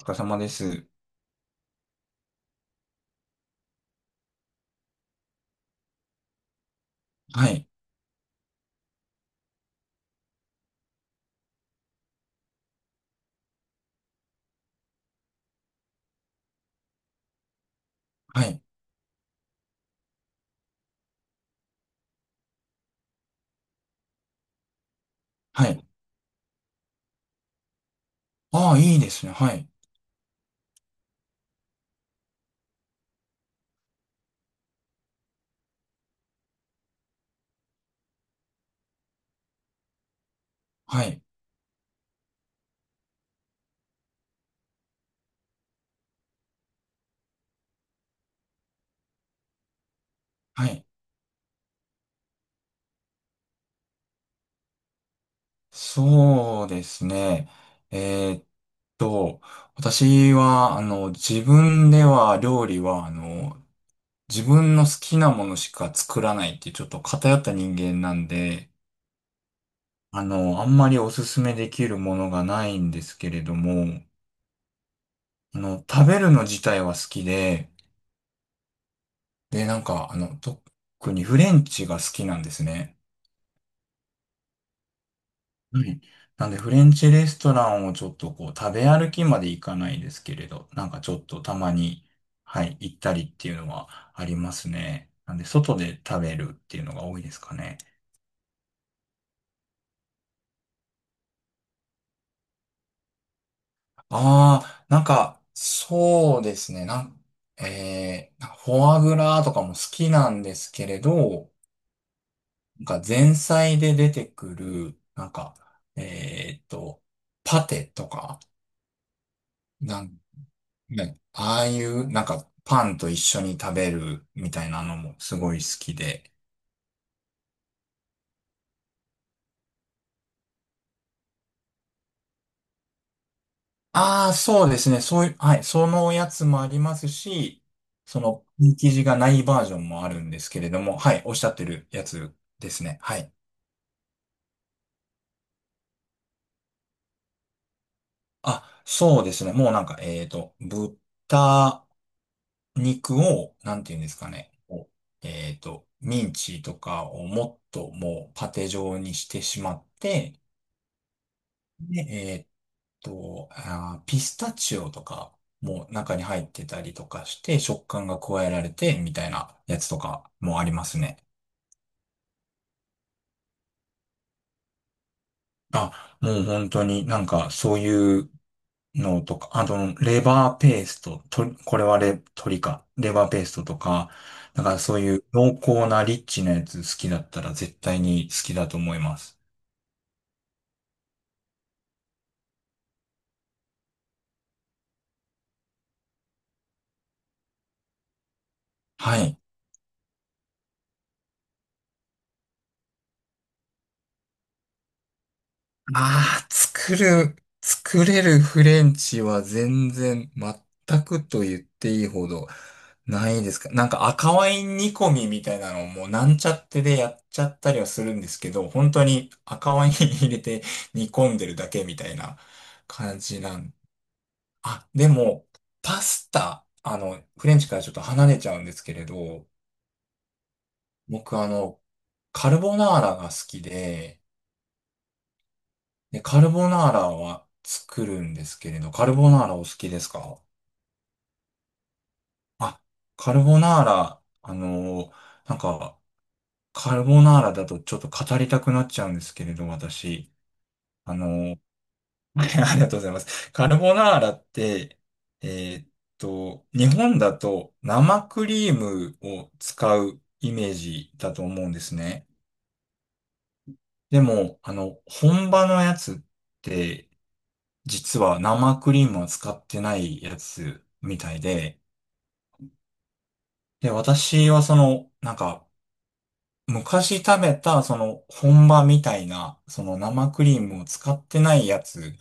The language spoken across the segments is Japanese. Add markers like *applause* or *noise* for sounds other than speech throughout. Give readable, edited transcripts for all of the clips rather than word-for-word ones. お疲れ様です。はい。はい。はい。ああ、いいですね。はい。はい。はい。そうですね。えーっと、私は、自分では料理は、自分の好きなものしか作らないっていうちょっと偏った人間なんで、あんまりおすすめできるものがないんですけれども、食べるの自体は好きで、で、特にフレンチが好きなんですね。はい。なんで、フレンチレストランをちょっとこう、食べ歩きまで行かないですけれど、なんかちょっとたまに、はい、行ったりっていうのはありますね。なんで、外で食べるっていうのが多いですかね。ああ、なんか、そうですね。なんかフォアグラとかも好きなんですけれど、なんか前菜で出てくる、なんか、えーっと、パテとか、なんね、ああいう、なんか、パンと一緒に食べるみたいなのもすごい好きで。ああ、そうですね。そういう、はい。そのやつもありますし、その、生地がないバージョンもあるんですけれども、はい。おっしゃってるやつですね。はい。あ、そうですね。もうなんか、豚肉を、なんていうんですかね。ミンチとかをもっともうパテ状にしてしまって、で、あー、ピスタチオとかも中に入ってたりとかして食感が加えられてみたいなやつとかもありますね。あ、もう本当になんかそういうのとか、あと、レバーペースト、と、これはレ、鶏か。レバーペーストとか、なんかそういう濃厚なリッチなやつ好きだったら絶対に好きだと思います。はい。ああ、作れるフレンチは全くと言っていいほどないですか。なんか赤ワイン煮込みみたいなのをもうなんちゃってでやっちゃったりはするんですけど、本当に赤ワイン入れて煮込んでるだけみたいな感じなん。あ、でも、パスタ、あの、フレンチからちょっと離れちゃうんですけれど、僕あの、カルボナーラが好きで、で、カルボナーラは作るんですけれど、カルボナーラお好きですか？あ、カルボナーラ、なんか、カルボナーラだとちょっと語りたくなっちゃうんですけれど、私。あのー *laughs* ありがとうございます。カルボナーラって、えーっ日本だと生クリームを使うイメージだと思うんですね。でも、あの、本場のやつって、実は生クリームを使ってないやつみたいで、で、私はその、なんか、昔食べた、その、本場みたいな、その生クリームを使ってないやつ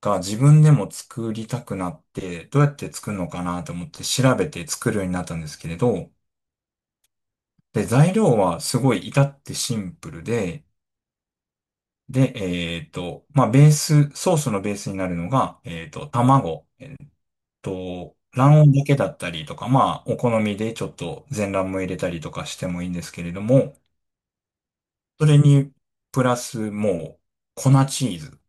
が自分でも作りたくなって、どうやって作るのかなと思って調べて作るようになったんですけれど、で、材料はすごい至ってシンプルで、で、まあ、ベース、ソースのベースになるのが、卵。と、卵黄だけだったりとか、まあ、お好みでちょっと全卵も入れたりとかしてもいいんですけれども、それに、プラスもう、粉チーズ。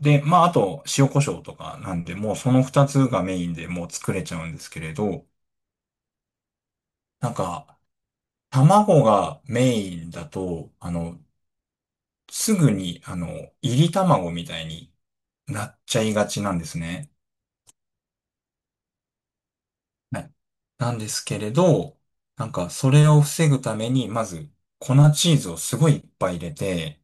で、まあ、あと、塩コショウとかなんで、もうその二つがメインでもう作れちゃうんですけれど、なんか、卵がメインだと、あの、すぐに、あの、炒り卵みたいになっちゃいがちなんですね。はい、なんですけれど、なんかそれを防ぐために、まず粉チーズをすごいいっぱい入れて、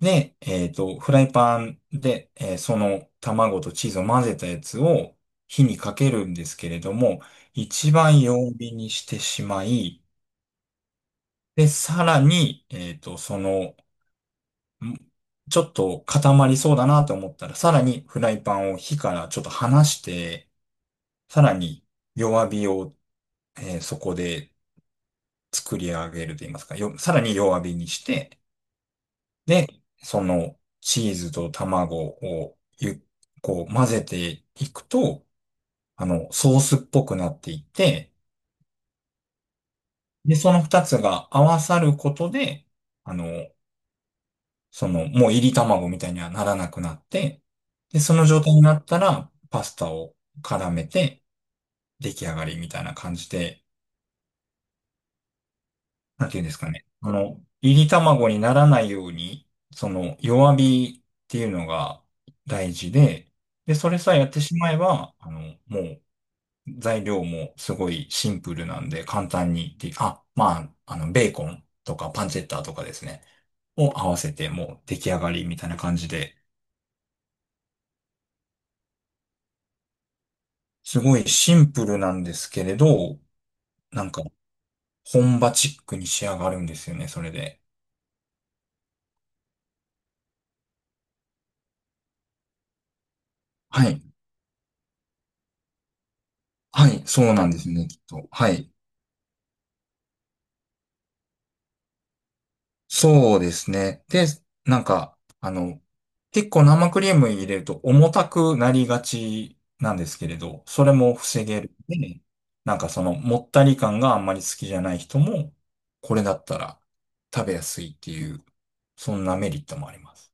で、フライパンで、えーその卵とチーズを混ぜたやつを火にかけるんですけれども、一番弱火にしてしまい、で、さらに、その、んちょっと固まりそうだなと思ったら、さらにフライパンを火からちょっと離して、さらに弱火を、えーそこで作り上げると言いますか、さらに弱火にして、で、そのチーズと卵をこう混ぜていくと、あの、ソースっぽくなっていって、で、その二つが合わさることで、あの、その、もう入り卵みたいにはならなくなって、で、その状態になったら、パスタを絡めて、出来上がりみたいな感じで、なんていうんですかね。あの、いり卵にならないように、その弱火っていうのが大事で、で、それさえやってしまえば、あの、もう材料もすごいシンプルなんで簡単にで、まあ、あの、ベーコンとかパンチェッタとかですね、を合わせてもう出来上がりみたいな感じで、すごいシンプルなんですけれど、なんか本場チックに仕上がるんですよね、それで。はい。はい、そうなんですね、きっと。はい。そうですね。で、なんか、あの、結構生クリーム入れると重たくなりがちなんですけれど、それも防げるんで、なんかそのもったり感があんまり好きじゃない人も、これだったら食べやすいっていう、そんなメリットもあります。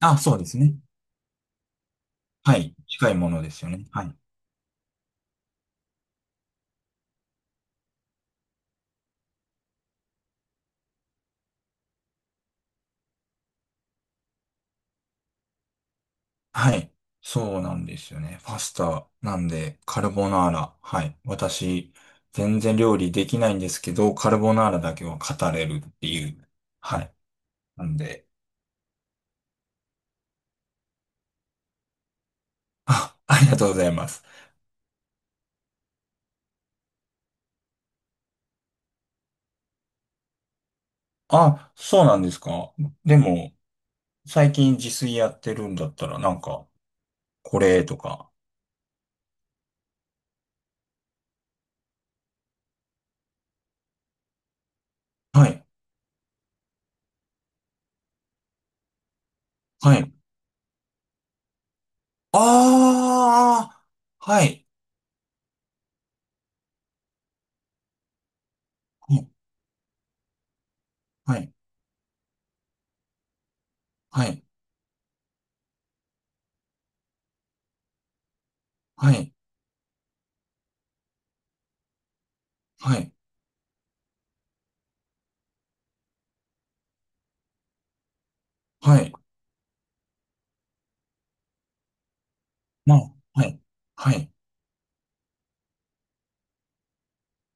あ、そうですね。はい。近いものですよね。はい。はい。そうなんですよね。パスタなんで、カルボナーラ。はい。私、全然料理できないんですけど、カルボナーラだけは語れるっていう。はい。なんで、あ、ありがとうございます。あ、そうなんですか。でも、最近自炊やってるんだったら、なんか、これとか。はい。はい。ああ、はい。はい。はい。はい。はい。はい。はい。まあ、はい。はい。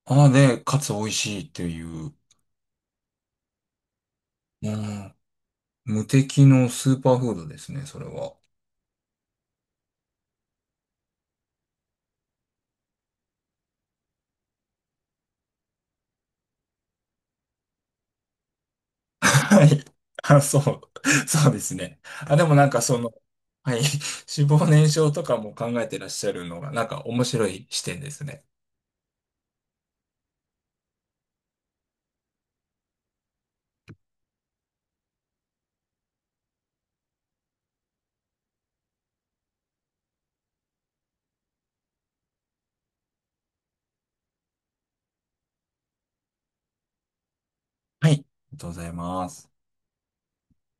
ああ、で、かつ美味しいっていう、うん。無敵のスーパーフードですね、それは。はい。あ、そう。そうですね。あ、でもなんかその、はい。*laughs* 脂肪燃焼とかも考えてらっしゃるのが、なんか面白い視点ですね。はい。ありがとうございます。